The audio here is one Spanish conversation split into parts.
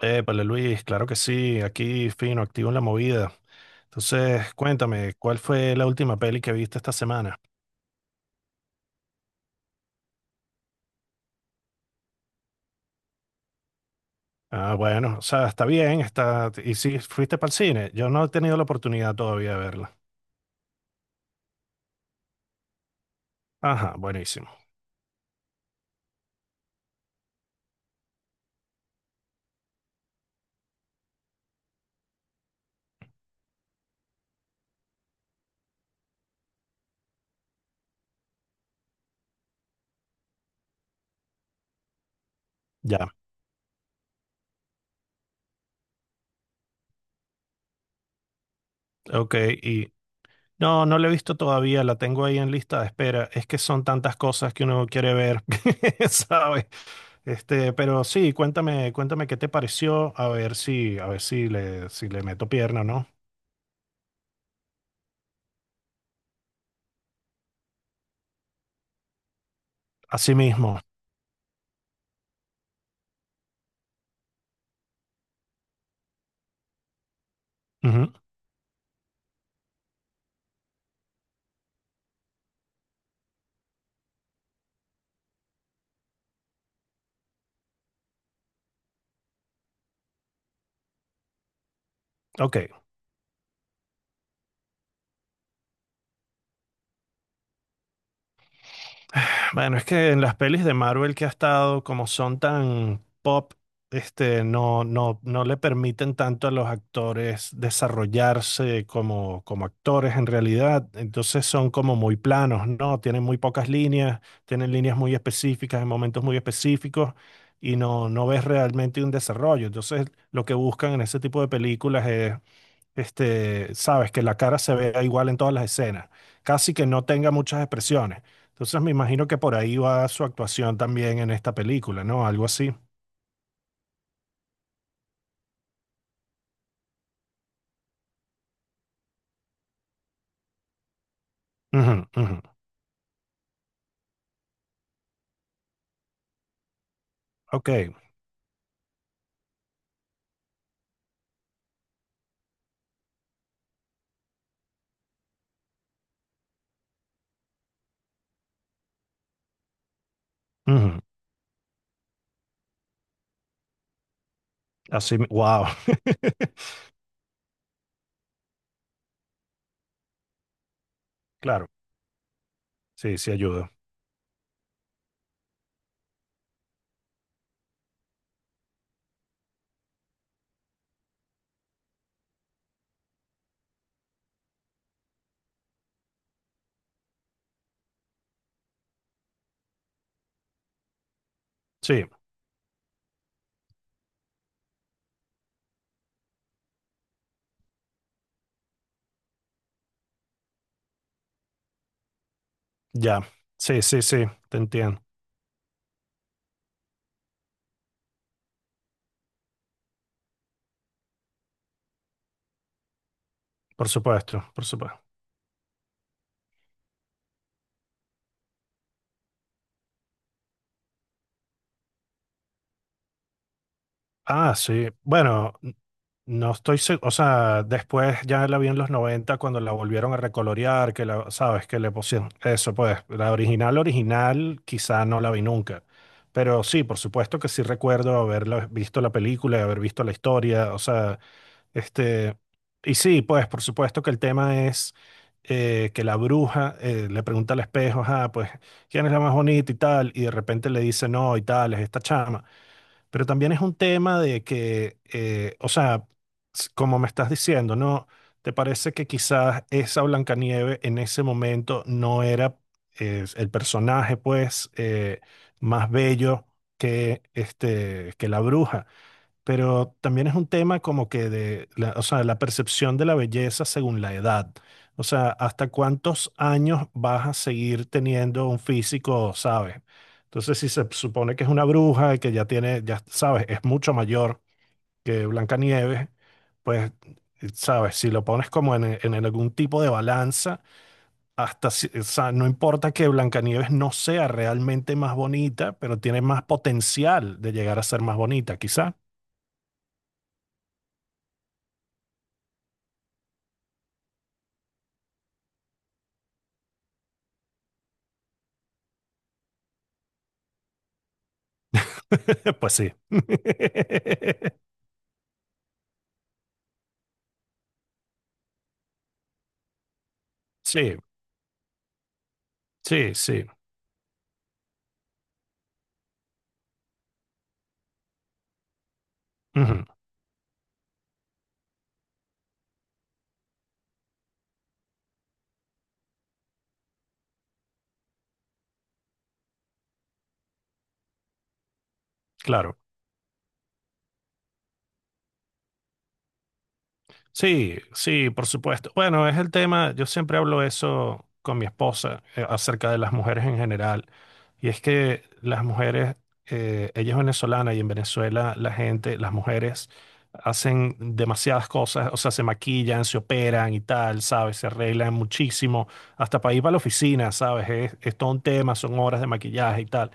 Épale, Luis, claro que sí, aquí fino, activo en la movida. Entonces, cuéntame, ¿cuál fue la última peli que viste esta semana? Ah, bueno, o sea, está bien. ¿Y si fuiste para el cine? Yo no he tenido la oportunidad todavía de verla. Ajá, buenísimo. Ya, ok, y... No, no la he visto todavía, la tengo ahí en lista de espera. Es que son tantas cosas que uno quiere ver, ¿sabes? Este, pero sí, cuéntame qué te pareció, a ver si le meto pierna, ¿no? Así mismo. Ujú, ok. Bueno, es que en las pelis de Marvel que ha estado, como son tan pop, este, no le permiten tanto a los actores desarrollarse como actores en realidad. Entonces son como muy planos, ¿no? Tienen muy pocas líneas, tienen líneas muy específicas en momentos muy específicos y no ves realmente un desarrollo. Entonces lo que buscan en ese tipo de películas este, sabes, que la cara se vea igual en todas las escenas, casi que no tenga muchas expresiones. Entonces me imagino que por ahí va su actuación también en esta película, ¿no? Algo así. Ujú, ujú. Ok. Ujú. Así, wow. Claro, sí, sí ayuda. Sí, ya. Sí, sí, sí, te entiendo. Por supuesto, por supuesto. Ah, sí. Bueno, no estoy seguro, o sea, después ya la vi en los 90 cuando la volvieron a recolorear, sabes, que le pusieron eso, pues, la original, original, quizá no la vi nunca. Pero sí, por supuesto que sí recuerdo haber visto la película y haber visto la historia, o sea, este, y sí, pues, por supuesto que el tema es que la bruja le pregunta al espejo, ah, pues, ¿quién es la más bonita y tal? Y de repente le dice, no, y tal, es esta chama. Pero también es un tema de que, o sea, como me estás diciendo, ¿no? ¿Te parece que quizás esa Blancanieve en ese momento no era el personaje, pues, más bello que, este, que la bruja? Pero también es un tema como que de la, o sea, la percepción de la belleza según la edad. O sea, ¿hasta cuántos años vas a seguir teniendo un físico, sabes? Entonces, si se supone que es una bruja y que ya tiene, ya sabes, es mucho mayor que Blancanieves, pues, sabes, si lo pones como en algún tipo de balanza, hasta, o sea, no importa que Blancanieves no sea realmente más bonita, pero tiene más potencial de llegar a ser más bonita, quizás. Pues sí. Sí, sí, sí. Ujú, claro. Sí, sí, por supuesto. Bueno, es el tema, yo siempre hablo eso con mi esposa acerca de las mujeres en general. Y es que las mujeres, ella es venezolana y en Venezuela la gente, las mujeres hacen demasiadas cosas, o sea, se maquillan, se operan y tal, ¿sabes? Se arreglan muchísimo, hasta para ir para la oficina, ¿sabes? Es todo un tema, son horas de maquillaje y tal.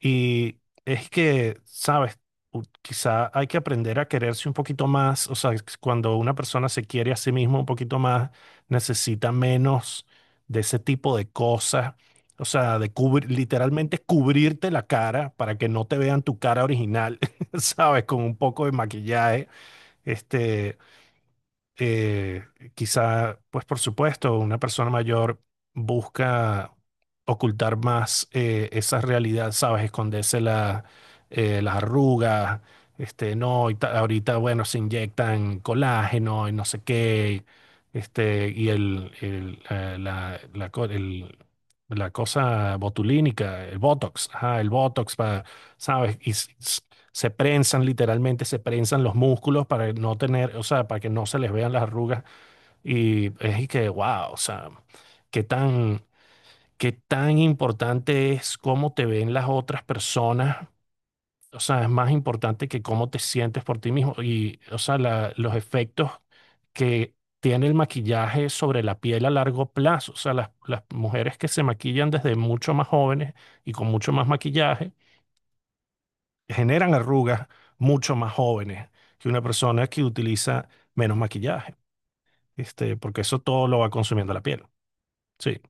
Y es que, sabes, quizá hay que aprender a quererse un poquito más, o sea, cuando una persona se quiere a sí misma un poquito más, necesita menos de ese tipo de cosas, o sea, de cubrir, literalmente cubrirte la cara para que no te vean tu cara original, sabes, con un poco de maquillaje, este eh, quizá, pues por supuesto, una persona mayor busca ocultar más esa realidad, ¿sabes? Esconderse las arrugas, este, no, y ahorita, bueno, se inyectan colágeno y no sé qué, este, y el, la, la co- el- la cosa botulínica, el Botox, ajá, el Botox, ¿sabes? Y se prensan literalmente, se prensan los músculos para no tener, o sea, para que no se les vean las arrugas y es y que, wow, o sea, qué tan, qué tan importante es cómo te ven las otras personas, o sea, es más importante que cómo te sientes por ti mismo y, o sea, los efectos que tiene el maquillaje sobre la piel a largo plazo, o sea, las mujeres que se maquillan desde mucho más jóvenes y con mucho más maquillaje generan arrugas mucho más jóvenes que una persona que utiliza menos maquillaje, este, porque eso todo lo va consumiendo la piel. Sí,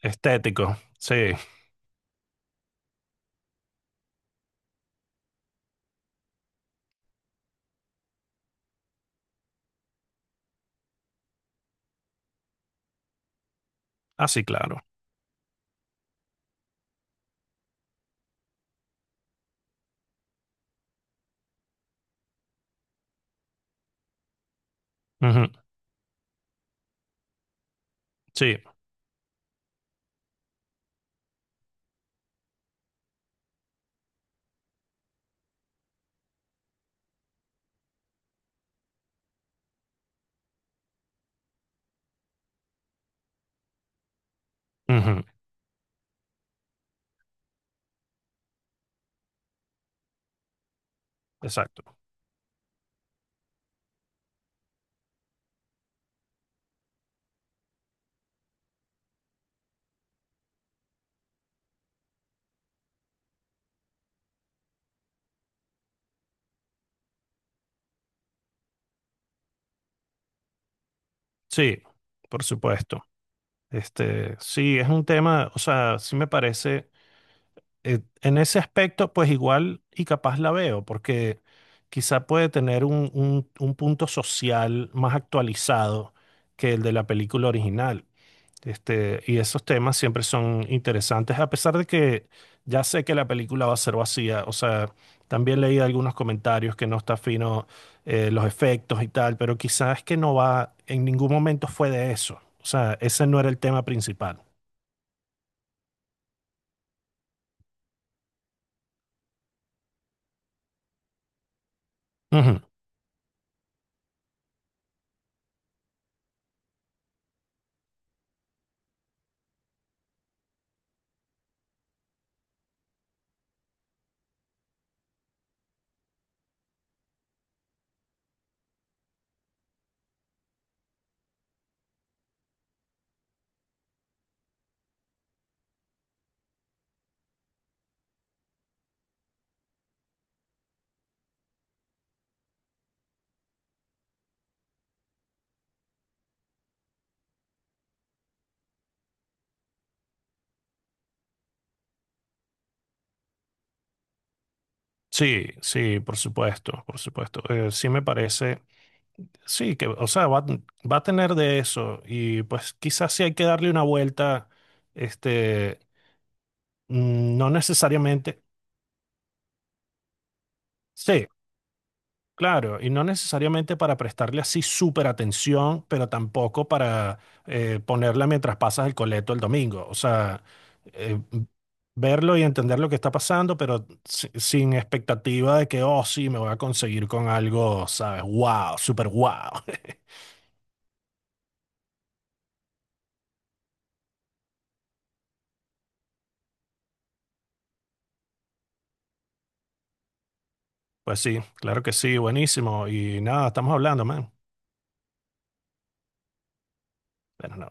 estético, sí, así claro. Ujú, sí, ujú, exacto. Sí, por supuesto. Este, sí, es un tema, o sea, sí me parece, en ese aspecto, pues igual y capaz la veo, porque quizá puede tener un punto social más actualizado que el de la película original. Este, y esos temas siempre son interesantes, a pesar de que ya sé que la película va a ser vacía. O sea, también leí algunos comentarios que no está fino los efectos y tal, pero quizás es que no va, en ningún momento fue de eso. O sea, ese no era el tema principal. Ujú. Sí, sí, por supuesto, por supuesto. Sí me parece, sí, que, o sea, va a tener de eso y pues quizás sí hay que darle una vuelta, este, no necesariamente. Sí, claro, y no necesariamente para prestarle así súper atención, pero tampoco para ponerla mientras pasas el coleto el domingo. O sea, eh, verlo y entender lo que está pasando, pero sin expectativa de que, oh, sí, me voy a conseguir con algo, ¿sabes? ¡Wow! ¡Súper wow! Pues sí, claro que sí, buenísimo. Y nada, estamos hablando, man. Bueno, no.